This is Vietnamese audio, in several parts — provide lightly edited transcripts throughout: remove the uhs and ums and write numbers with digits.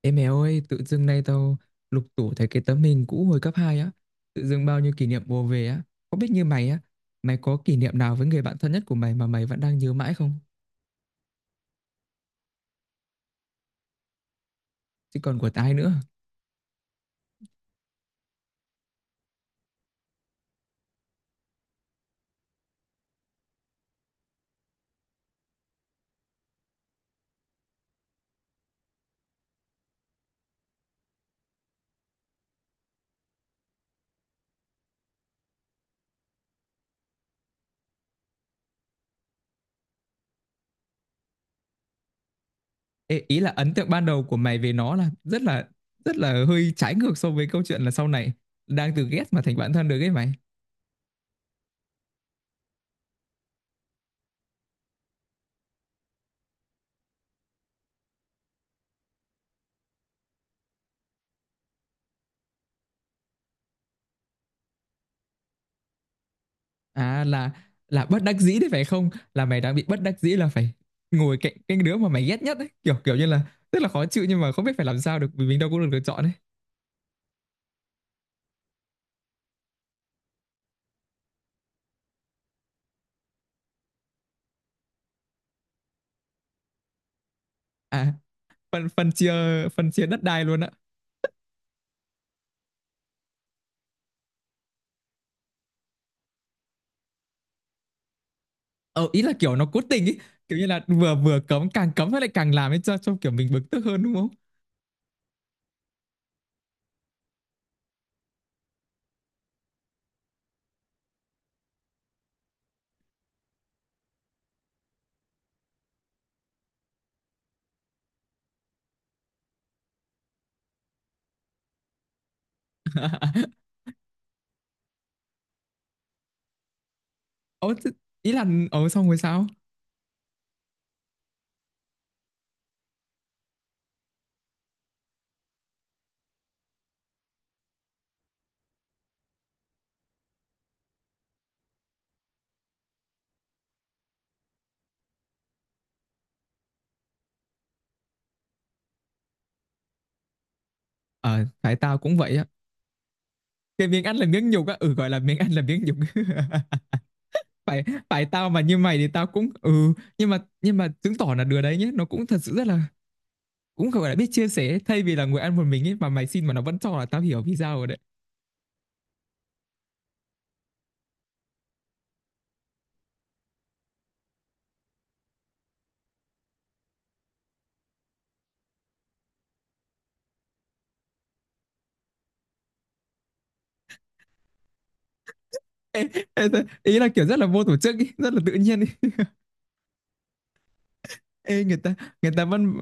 Ê mẹ ơi, tự dưng nay tao lục tủ thấy cái tấm hình cũ hồi cấp 2 á, tự dưng bao nhiêu kỷ niệm ùa về á, có biết như mày á, mày có kỷ niệm nào với người bạn thân nhất của mày mà mày vẫn đang nhớ mãi không? Chứ còn của tao ai nữa. Ê, ý là ấn tượng ban đầu của mày về nó là rất là hơi trái ngược so với câu chuyện là sau này đang từ ghét mà thành bạn thân được ấy mày. À, là bất đắc dĩ đấy phải không? Là mày đang bị bất đắc dĩ là phải ngồi cạnh cái đứa mà mày ghét nhất ấy, kiểu kiểu như là rất là khó chịu nhưng mà không biết phải làm sao được vì mình đâu có được lựa chọn ấy. À, phân phân chia đất đai luôn ạ. Ờ Ý là kiểu nó cố tình ý, kiểu như là vừa vừa cấm, càng cấm nó lại càng làm ấy, cho kiểu mình bực tức hơn, đúng không? ờ thế- Ý là xong rồi sao? Ờ Phải, tao cũng vậy á. Cái miếng ăn là miếng nhục á, gọi là miếng ăn là miếng nhục. Phải, phải, tao mà như mày thì tao cũng nhưng mà chứng tỏ là đứa đấy nhé, nó cũng thật sự rất là cũng gọi là biết chia sẻ ấy. Thay vì là ngồi ăn một mình ấy mà mày xin mà nó vẫn cho, là tao hiểu vì sao rồi đấy. Ý là kiểu rất là vô tổ chức ý, rất là tự nhiên ý. Ê, người ta vẫn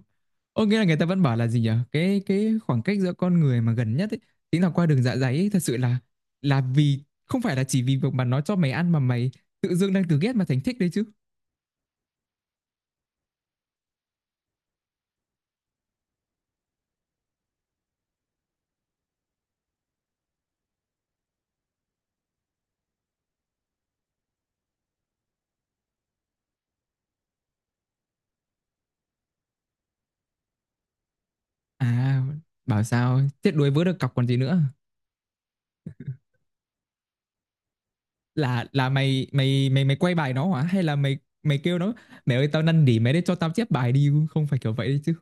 người ta vẫn bảo là gì nhở, cái khoảng cách giữa con người mà gần nhất ấy chính là qua đường dạ dày ấy, thật sự là vì không phải là chỉ vì việc mà nó cho mày ăn mà mày tự dưng đang từ ghét mà thành thích đấy chứ. À, bảo sao chết đuối vớ được cọc còn gì nữa. Là là mày mày mày mày quay bài nó hả, hay là mày mày kêu nó, mẹ ơi tao năn nỉ mày đấy cho tao chép bài đi, không phải kiểu vậy đấy chứ?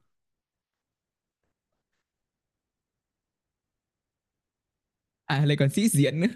À, lại còn sĩ diện nữa.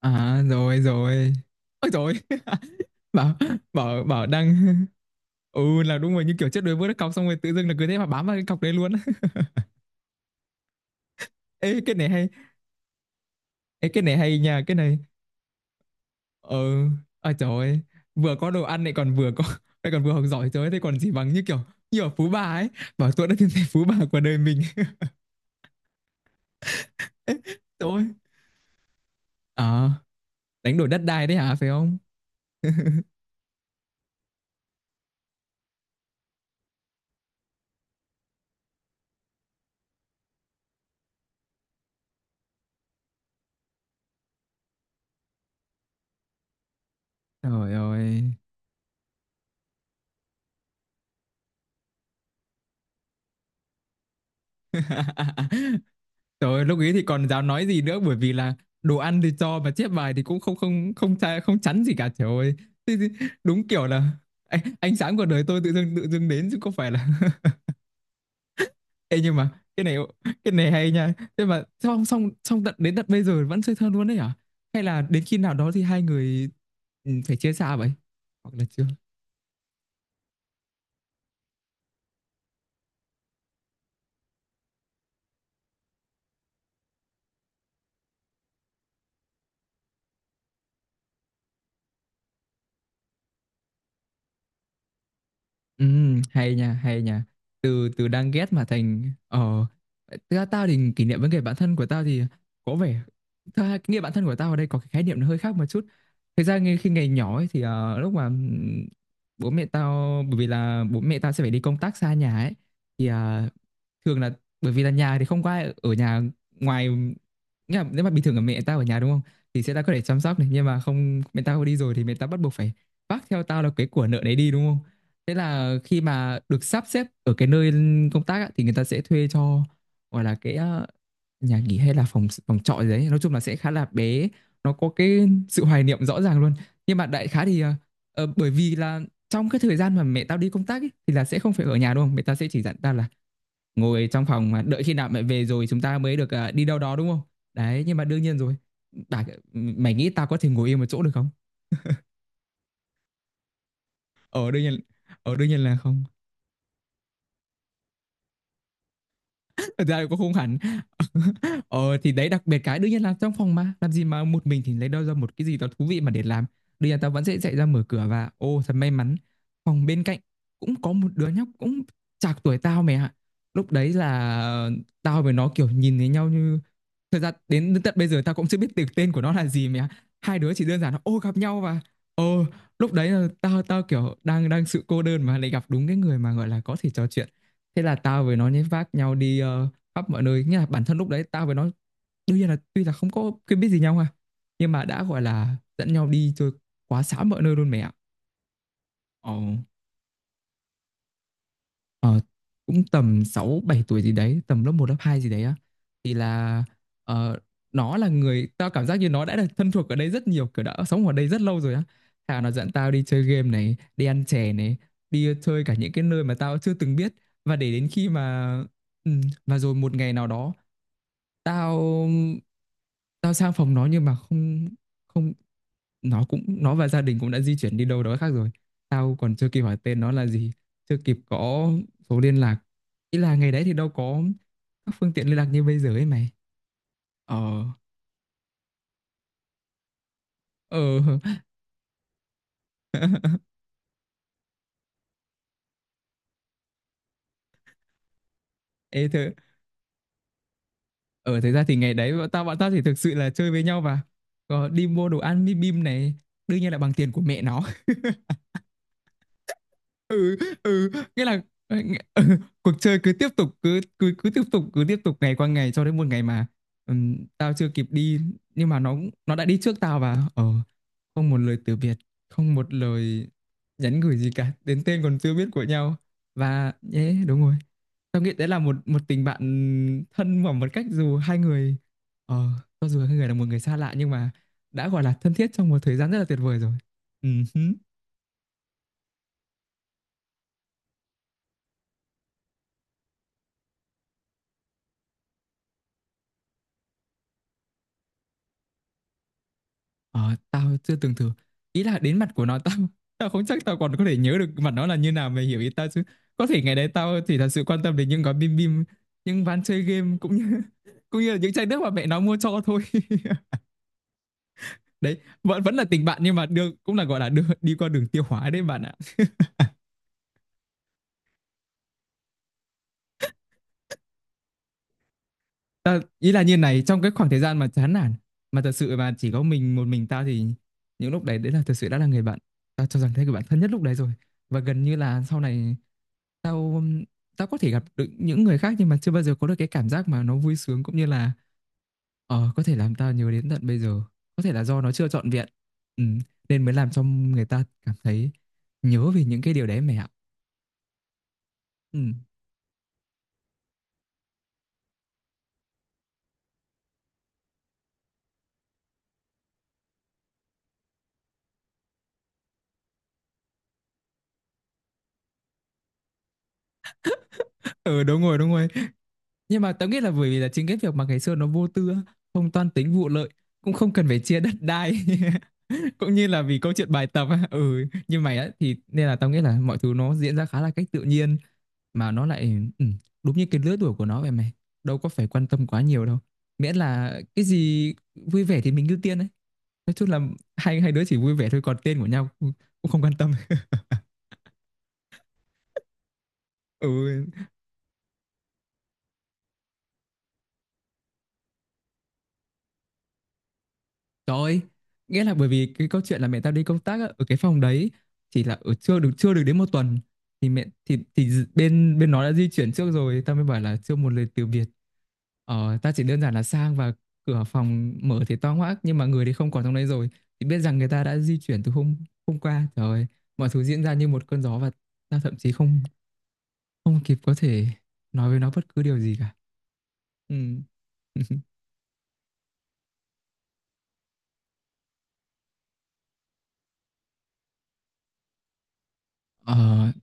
À, rồi rồi, ôi rồi. bảo bảo bảo đang là đúng rồi, như kiểu trước đuối vớt cái cọc xong rồi tự dưng là cứ thế mà bám vào cái cọc đấy luôn. Ê, cái này hay. Ê, cái này hay nha. Cái này ờ à, trời ơi, vừa có đồ ăn lại còn vừa có lại còn vừa học giỏi, trời ơi, thế còn gì bằng, như kiểu như ở Phú Bà ấy, bảo tôi đã tìm thấy Phú Bà của đời mình. Trời ơi. À, đánh đổi đất đai đấy hả, phải không? Trời ơi. Trời ơi, lúc ấy thì còn dám nói gì nữa, bởi vì là đồ ăn thì cho mà chép bài thì cũng không không không chai, không chắn gì cả, trời ơi. Thế thì đúng kiểu là ánh sáng của đời tôi tự dưng đến chứ không phải là. Ê, nhưng mà cái này cái này hay nha. Thế mà xong xong xong tận đến tận bây giờ vẫn chơi thân luôn đấy hả? Hay là đến khi nào đó thì hai người phải chia xa vậy? Hoặc là chưa? Hay nha, hay nha. Từ từ đang ghét mà thành. Ờ Thực ra tao thì kỷ niệm với người bạn thân của tao thì có vẻ, thực ra nghĩa bạn thân của tao ở đây có cái khái niệm nó hơi khác một chút. Thực ra ngay khi ngày nhỏ ấy thì lúc mà bố mẹ tao, bởi vì là bố mẹ tao sẽ phải đi công tác xa nhà ấy, thì thường là bởi vì là nhà thì không có ai ở nhà ngoài, nghĩa là nếu mà bình thường là mẹ tao ở nhà đúng không, thì sẽ đã có thể chăm sóc này, nhưng mà không, mẹ tao đi rồi thì mẹ tao bắt buộc phải vác theo tao là cái của nợ đấy đi, đúng không? Thế là khi mà được sắp xếp ở cái nơi công tác á, thì người ta sẽ thuê cho, gọi là cái nhà nghỉ hay là phòng phòng trọ gì đấy. Nói chung là sẽ khá là bé, nó có cái sự hoài niệm rõ ràng luôn. Nhưng mà đại khái thì bởi vì là trong cái thời gian mà mẹ tao đi công tác ấy, thì là sẽ không phải ở nhà, đúng không? Mẹ tao sẽ chỉ dặn tao là ngồi trong phòng mà đợi khi nào mẹ về rồi chúng ta mới được đi đâu đó, đúng không? Đấy, nhưng mà đương nhiên rồi. Bà, mày nghĩ tao có thể ngồi yên một chỗ được không? Ở đương nhiên, ở đương nhiên là không. Thật ra là cũng không hẳn. Ờ, thì đấy, đặc biệt cái đương nhiên là trong phòng mà, làm gì mà một mình thì lấy đâu ra một cái gì đó thú vị mà để làm. Đương nhiên tao vẫn sẽ chạy ra mở cửa và ô thật may mắn, phòng bên cạnh cũng có một đứa nhóc cũng chạc tuổi tao mày ạ. Lúc đấy là tao với nó kiểu nhìn thấy nhau như, thật ra đến tận bây giờ tao cũng chưa biết được tên của nó là gì mày ạ. Hai đứa chỉ đơn giản là ô gặp nhau và ô lúc đấy là tao tao kiểu đang đang sự cô đơn mà lại gặp đúng cái người mà gọi là có thể trò chuyện, thế là tao với nó nhét vác nhau đi khắp mọi nơi, nghĩa là bản thân lúc đấy tao với nó, đương nhiên là tuy là không có quen biết gì nhau ha, nhưng mà đã gọi là dẫn nhau đi chơi quá xá mọi nơi luôn mẹ ạ. ờ, ờ, Cũng tầm 6 7 tuổi gì đấy, tầm lớp một lớp 2 gì đấy á. Thì là ờ, nó là người tao cảm giác như nó đã được thân thuộc ở đây rất nhiều, kiểu đã sống ở đây rất lâu rồi á. Thà nó dẫn tao đi chơi game này, đi ăn chè này, đi chơi cả những cái nơi mà tao chưa từng biết. Và để đến khi mà ừ, và rồi một ngày nào đó tao, tao sang phòng nó nhưng mà không, không, nó cũng, nó và gia đình cũng đã di chuyển đi đâu đó khác rồi. Tao còn chưa kịp hỏi tên nó là gì, chưa kịp có số liên lạc, ý là ngày đấy thì đâu có các phương tiện liên lạc như bây giờ ấy mày. ờ ờ Ê thơ, thực ra thì ngày đấy bọn tao chỉ thực sự là chơi với nhau và có đi mua đồ ăn bim bim này, đương nhiên là bằng tiền của mẹ nó. Ừ. Ừ. Nghĩa là ừ, ừ, cuộc chơi cứ tiếp tục, cứ cứ cứ tiếp tục ngày qua ngày cho đến một ngày mà tao chưa kịp đi nhưng mà nó, đã đi trước tao và không một lời từ biệt, không một lời nhắn gửi gì cả đến tên còn chưa biết của nhau. Và nhé, đúng rồi, tao nghĩ đấy là một một tình bạn thân mà một cách, dù hai người ờ cho dù hai người là một người xa lạ nhưng mà đã gọi là thân thiết trong một thời gian rất là tuyệt vời rồi. Ừ. Ờ, tao chưa từng thử. Ý là đến mặt của nó tao, tao không chắc tao còn có thể nhớ được mặt nó là như nào mày hiểu ý tao chứ. Có thể ngày đấy tao chỉ thật sự quan tâm đến những gói bim bim, những ván chơi game cũng như cũng như là những chai nước mà mẹ nó mua cho thôi. Đấy, vẫn vẫn là tình bạn nhưng mà được cũng là gọi là đưa, đi qua đường tiêu hóa đấy bạn ạ. Ta, ý là như này, trong cái khoảng thời gian mà chán nản mà thật sự mà chỉ có mình, một mình tao thì những lúc đấy đấy là thật sự đã là người bạn, tao cho rằng thế, người bạn thân nhất lúc đấy rồi. Và gần như là sau này tao, tao có thể gặp được những người khác nhưng mà chưa bao giờ có được cái cảm giác mà nó vui sướng cũng như là có thể làm tao nhớ đến tận bây giờ. Có thể là do nó chưa trọn vẹn ừ, nên mới làm cho người ta cảm thấy nhớ về những cái điều đấy mẹ ạ. Ừ. Ừ, đúng rồi, đúng rồi. Nhưng mà tớ nghĩ là bởi vì là chính cái việc mà ngày xưa nó vô tư á, không toan tính vụ lợi, cũng không cần phải chia đất đai. Cũng như là vì câu chuyện bài tập á, như mày á, thì nên là tao nghĩ là mọi thứ nó diễn ra khá là cách tự nhiên mà nó lại ừ, đúng như cái lứa tuổi của nó vậy mày, đâu có phải quan tâm quá nhiều đâu, miễn là cái gì vui vẻ thì mình ưu tiên đấy. Nói chung là hai hai đứa chỉ vui vẻ thôi, còn tên của nhau cũng, cũng không quan tâm. Ừ. Trời ơi, nghĩa là bởi vì cái câu chuyện là mẹ tao đi công tác á, ở cái phòng đấy chỉ là ở chưa được đến một tuần thì mẹ thì d- bên bên nó đã di chuyển trước rồi tao mới bảo là chưa một lời từ biệt. Tao chỉ đơn giản là sang và cửa phòng mở thì to hoác nhưng mà người thì không còn trong đấy rồi, thì biết rằng người ta đã di chuyển từ hôm hôm qua. Trời ơi, mọi thứ diễn ra như một cơn gió và tao thậm chí không không kịp có thể nói với nó bất cứ điều gì cả. Ừ. Ờ,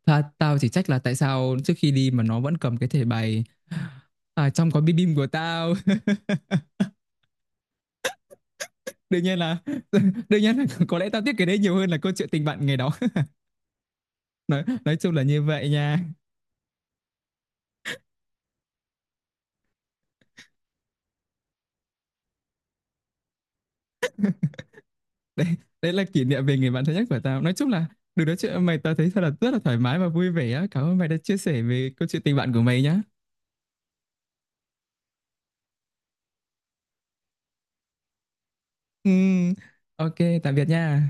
ta, tao chỉ trách là tại sao trước khi đi mà nó vẫn cầm cái thẻ bài à, trong có bim bim của tao. Đương nhiên là đương nhiên là có lẽ tao tiếc cái đấy nhiều hơn là câu chuyện tình bạn ngày đó. Nói chung là như vậy nha. đấy đấy là kỷ niệm về người bạn thân nhất của tao, nói chung là được nói chuyện với mày tao thấy thật là rất là thoải mái và vui vẻ á, cảm ơn mày đã chia sẻ về câu chuyện tình bạn của mày nhá. Ừ, ok, tạm biệt nha.